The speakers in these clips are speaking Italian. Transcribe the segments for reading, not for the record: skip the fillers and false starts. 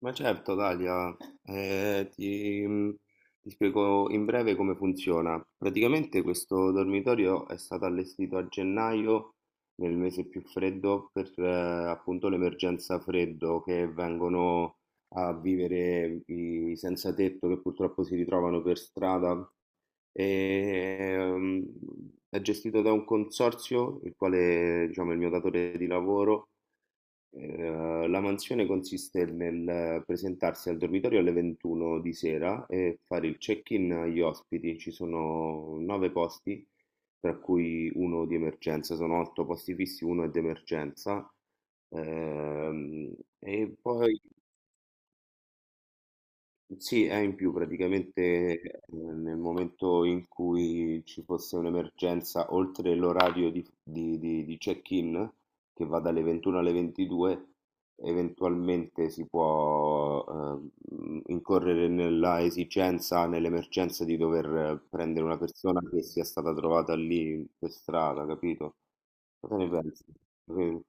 Ma certo, Dalia, eh, ti, mm, ti spiego in breve come funziona. Praticamente questo dormitorio è stato allestito a gennaio, nel mese più freddo, per appunto l'emergenza freddo che vengono a vivere i senza tetto che purtroppo si ritrovano per strada. E, ehm, è gestito da un consorzio, il quale, diciamo, è il mio datore di lavoro. La mansione consiste nel presentarsi al dormitorio alle 21 di sera e fare il check-in agli ospiti. Ci sono 9 posti, tra cui uno di emergenza. Sono 8 posti fissi, uno è d'emergenza. E poi sì, è in più praticamente. Nel momento in cui ci fosse un'emergenza, oltre l'orario di, di check-in, che va dalle 21 alle 22, eventualmente si può incorrere nella esigenza, nell'emergenza di dover prendere una persona che sia stata trovata lì per strada, capito? Cosa ne pensi? Eh,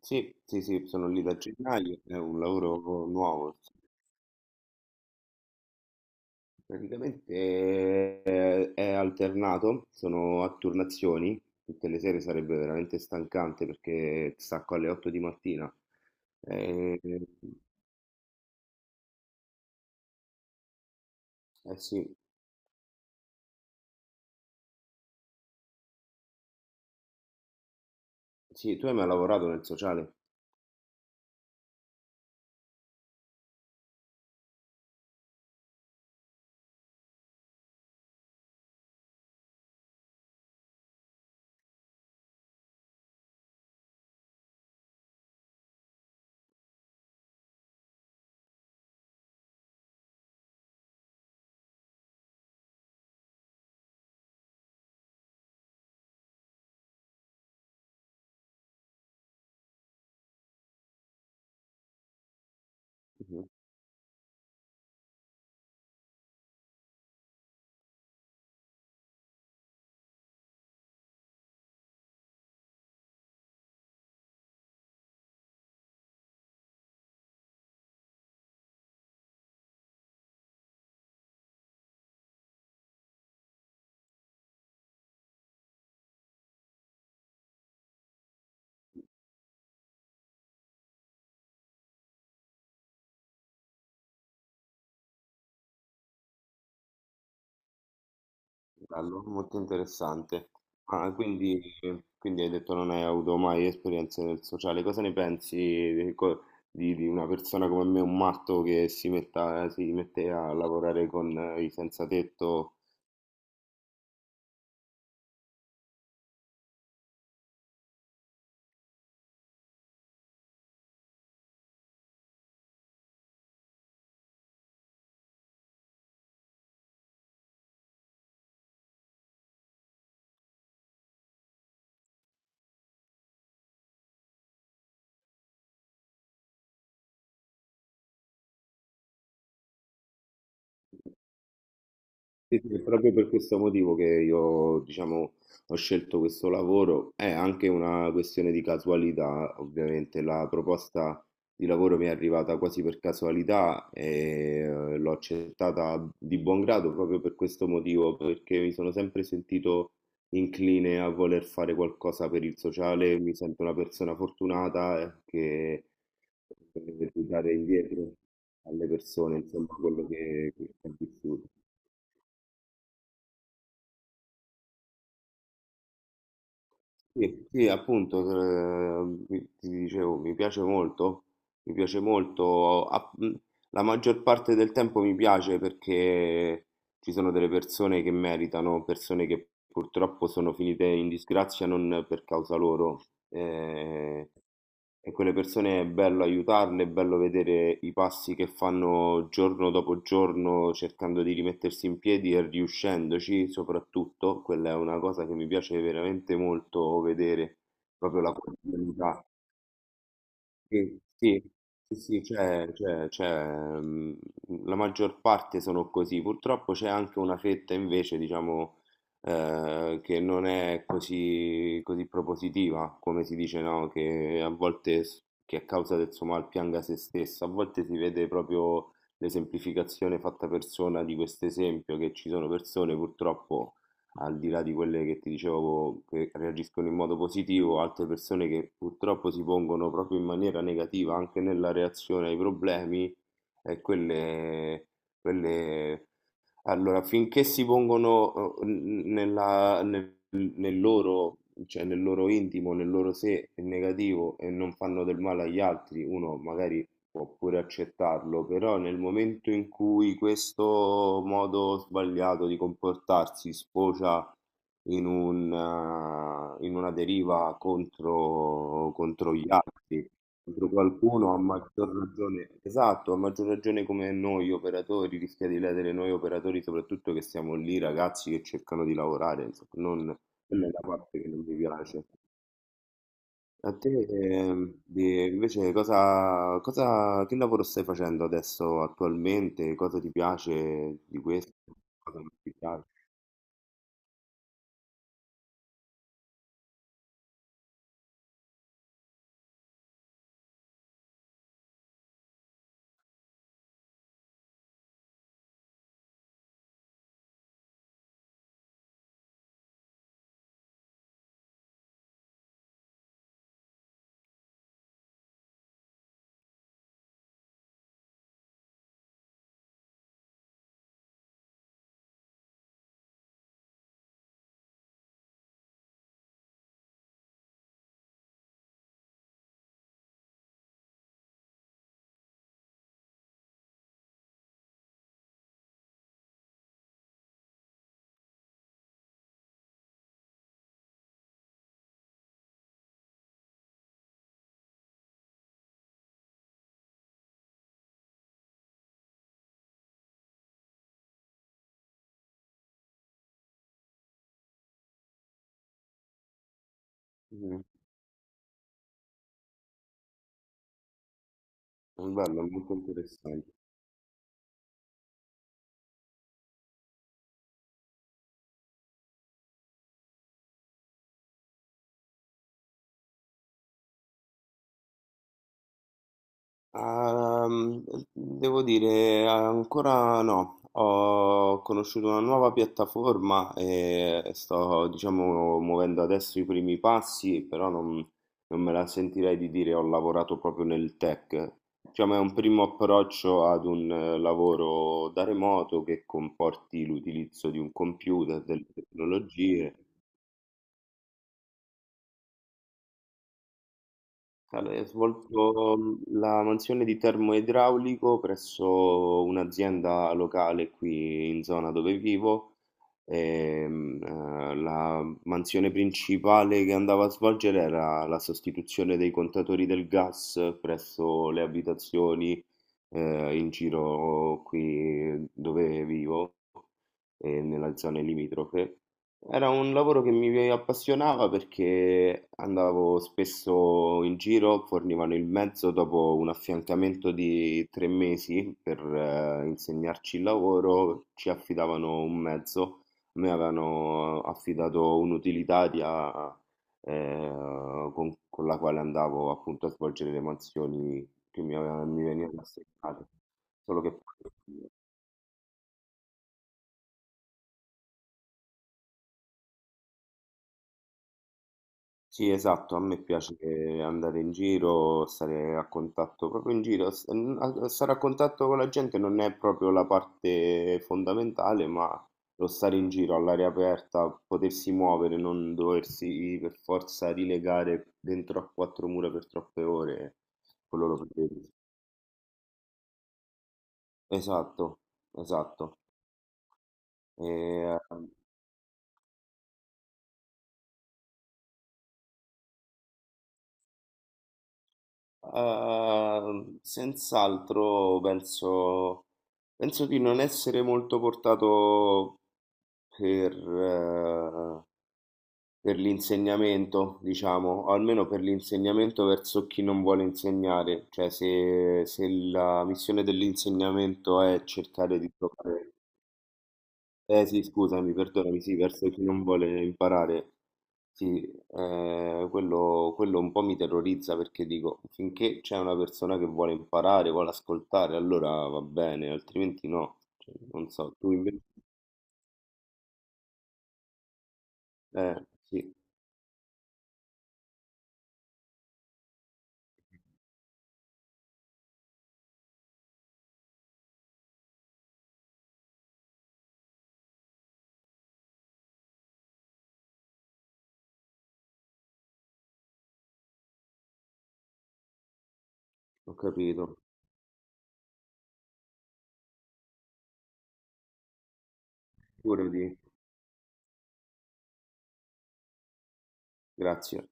Sì, sì, sì, sono lì da gennaio, è un lavoro nuovo. Sì. Praticamente è alternato, sono a turnazioni, tutte le sere sarebbe veramente stancante perché stacco alle 8 di mattina. Eh, eh sì, sì, tu hai mai lavorato nel sociale? Mhm. Bello, molto interessante. Ah, quindi, quindi hai detto non hai avuto mai esperienze nel sociale. Cosa ne pensi di, di una persona come me, un matto che si mette a lavorare con i senza tetto? Sì, sì, è proprio per questo motivo che io, diciamo, ho scelto questo lavoro. È anche una questione di casualità, ovviamente. La proposta di lavoro mi è arrivata quasi per casualità e l'ho accettata di buon grado proprio per questo motivo, perché mi sono sempre sentito incline a voler fare qualcosa per il sociale. Mi sento una persona fortunata che deve dare indietro alle persone, insomma, quello che ho vissuto. Sì, sì, appunto, ti dicevo, mi piace molto, la maggior parte del tempo mi piace perché ci sono delle persone che meritano, persone che purtroppo sono finite in disgrazia non per causa loro. Eh, e quelle persone è bello aiutarle, è bello vedere i passi che fanno giorno dopo giorno cercando di rimettersi in piedi e riuscendoci, soprattutto, quella è una cosa che mi piace veramente molto vedere, proprio la quotidianità. Sì, sì, sì, sì, c'è, mh, la maggior parte sono così. Purtroppo c'è anche una fetta invece, diciamo, che non è così, così propositiva, come si dice, no? Che a volte, che a causa del suo mal pianga se stessa, a volte si vede proprio l'esemplificazione fatta persona di questo esempio, che ci sono persone purtroppo al di là di quelle che ti dicevo che reagiscono in modo positivo, altre persone che purtroppo si pongono proprio in maniera negativa anche nella reazione ai problemi, e quelle. Allora, finché si pongono nel, nel loro, cioè nel loro intimo, nel loro sé negativo e non fanno del male agli altri, uno magari può pure accettarlo, però nel momento in cui questo modo sbagliato di comportarsi sfocia in in una deriva contro gli altri, contro qualcuno, a maggior ragione, esatto, a maggior ragione come noi operatori, rischia di ledere noi operatori, soprattutto che siamo lì ragazzi che cercano di lavorare, insomma, non, quella è la parte che non mi piace. A te, invece, che lavoro stai facendo adesso attualmente? Cosa ti piace di questo? Cosa non ti piace? Mm, bello, molto interessante. Ehm, Devo dire, ancora no. Ho conosciuto una nuova piattaforma e sto, diciamo, muovendo adesso i primi passi, però non, non me la sentirei di dire ho lavorato proprio nel tech. Diciamo, è un primo approccio ad un lavoro da remoto che comporti l'utilizzo di un computer, delle tecnologie. Allora, ho svolto la mansione di termoidraulico presso un'azienda locale qui in zona dove vivo. La mansione principale che andava a svolgere era la sostituzione dei contatori del gas presso le abitazioni in giro qui dove vivo e nella zona limitrofe. Era un lavoro che mi appassionava perché andavo spesso in giro, fornivano il mezzo dopo un affiancamento di 3 mesi per insegnarci il lavoro, ci affidavano un mezzo, a me avevano affidato un'utilitaria eh, con la quale andavo appunto a svolgere le mansioni che mi, mi venivano assegnate. Solo che sì, esatto, a me piace andare in giro, stare a contatto proprio in giro, stare a contatto con la gente non è proprio la parte fondamentale, ma lo stare in giro all'aria aperta, potersi muovere, non doversi per forza rilegare dentro a quattro mura per troppe ore, quello lo preferisco. Esatto, esatto. E, senz'altro penso... Penso di non essere molto portato per, eh, per l'insegnamento, diciamo, o almeno per l'insegnamento verso chi non vuole insegnare, cioè se, se la missione dell'insegnamento è cercare di trovare... Eh sì, scusami, perdonami, sì, verso chi non vuole imparare, sì, quello, quello un po' mi terrorizza perché dico, finché c'è una persona che vuole imparare, vuole ascoltare, allora va bene, altrimenti no. Cioè, non so, tu invece... Eh sì, ho capito, pure di... grazie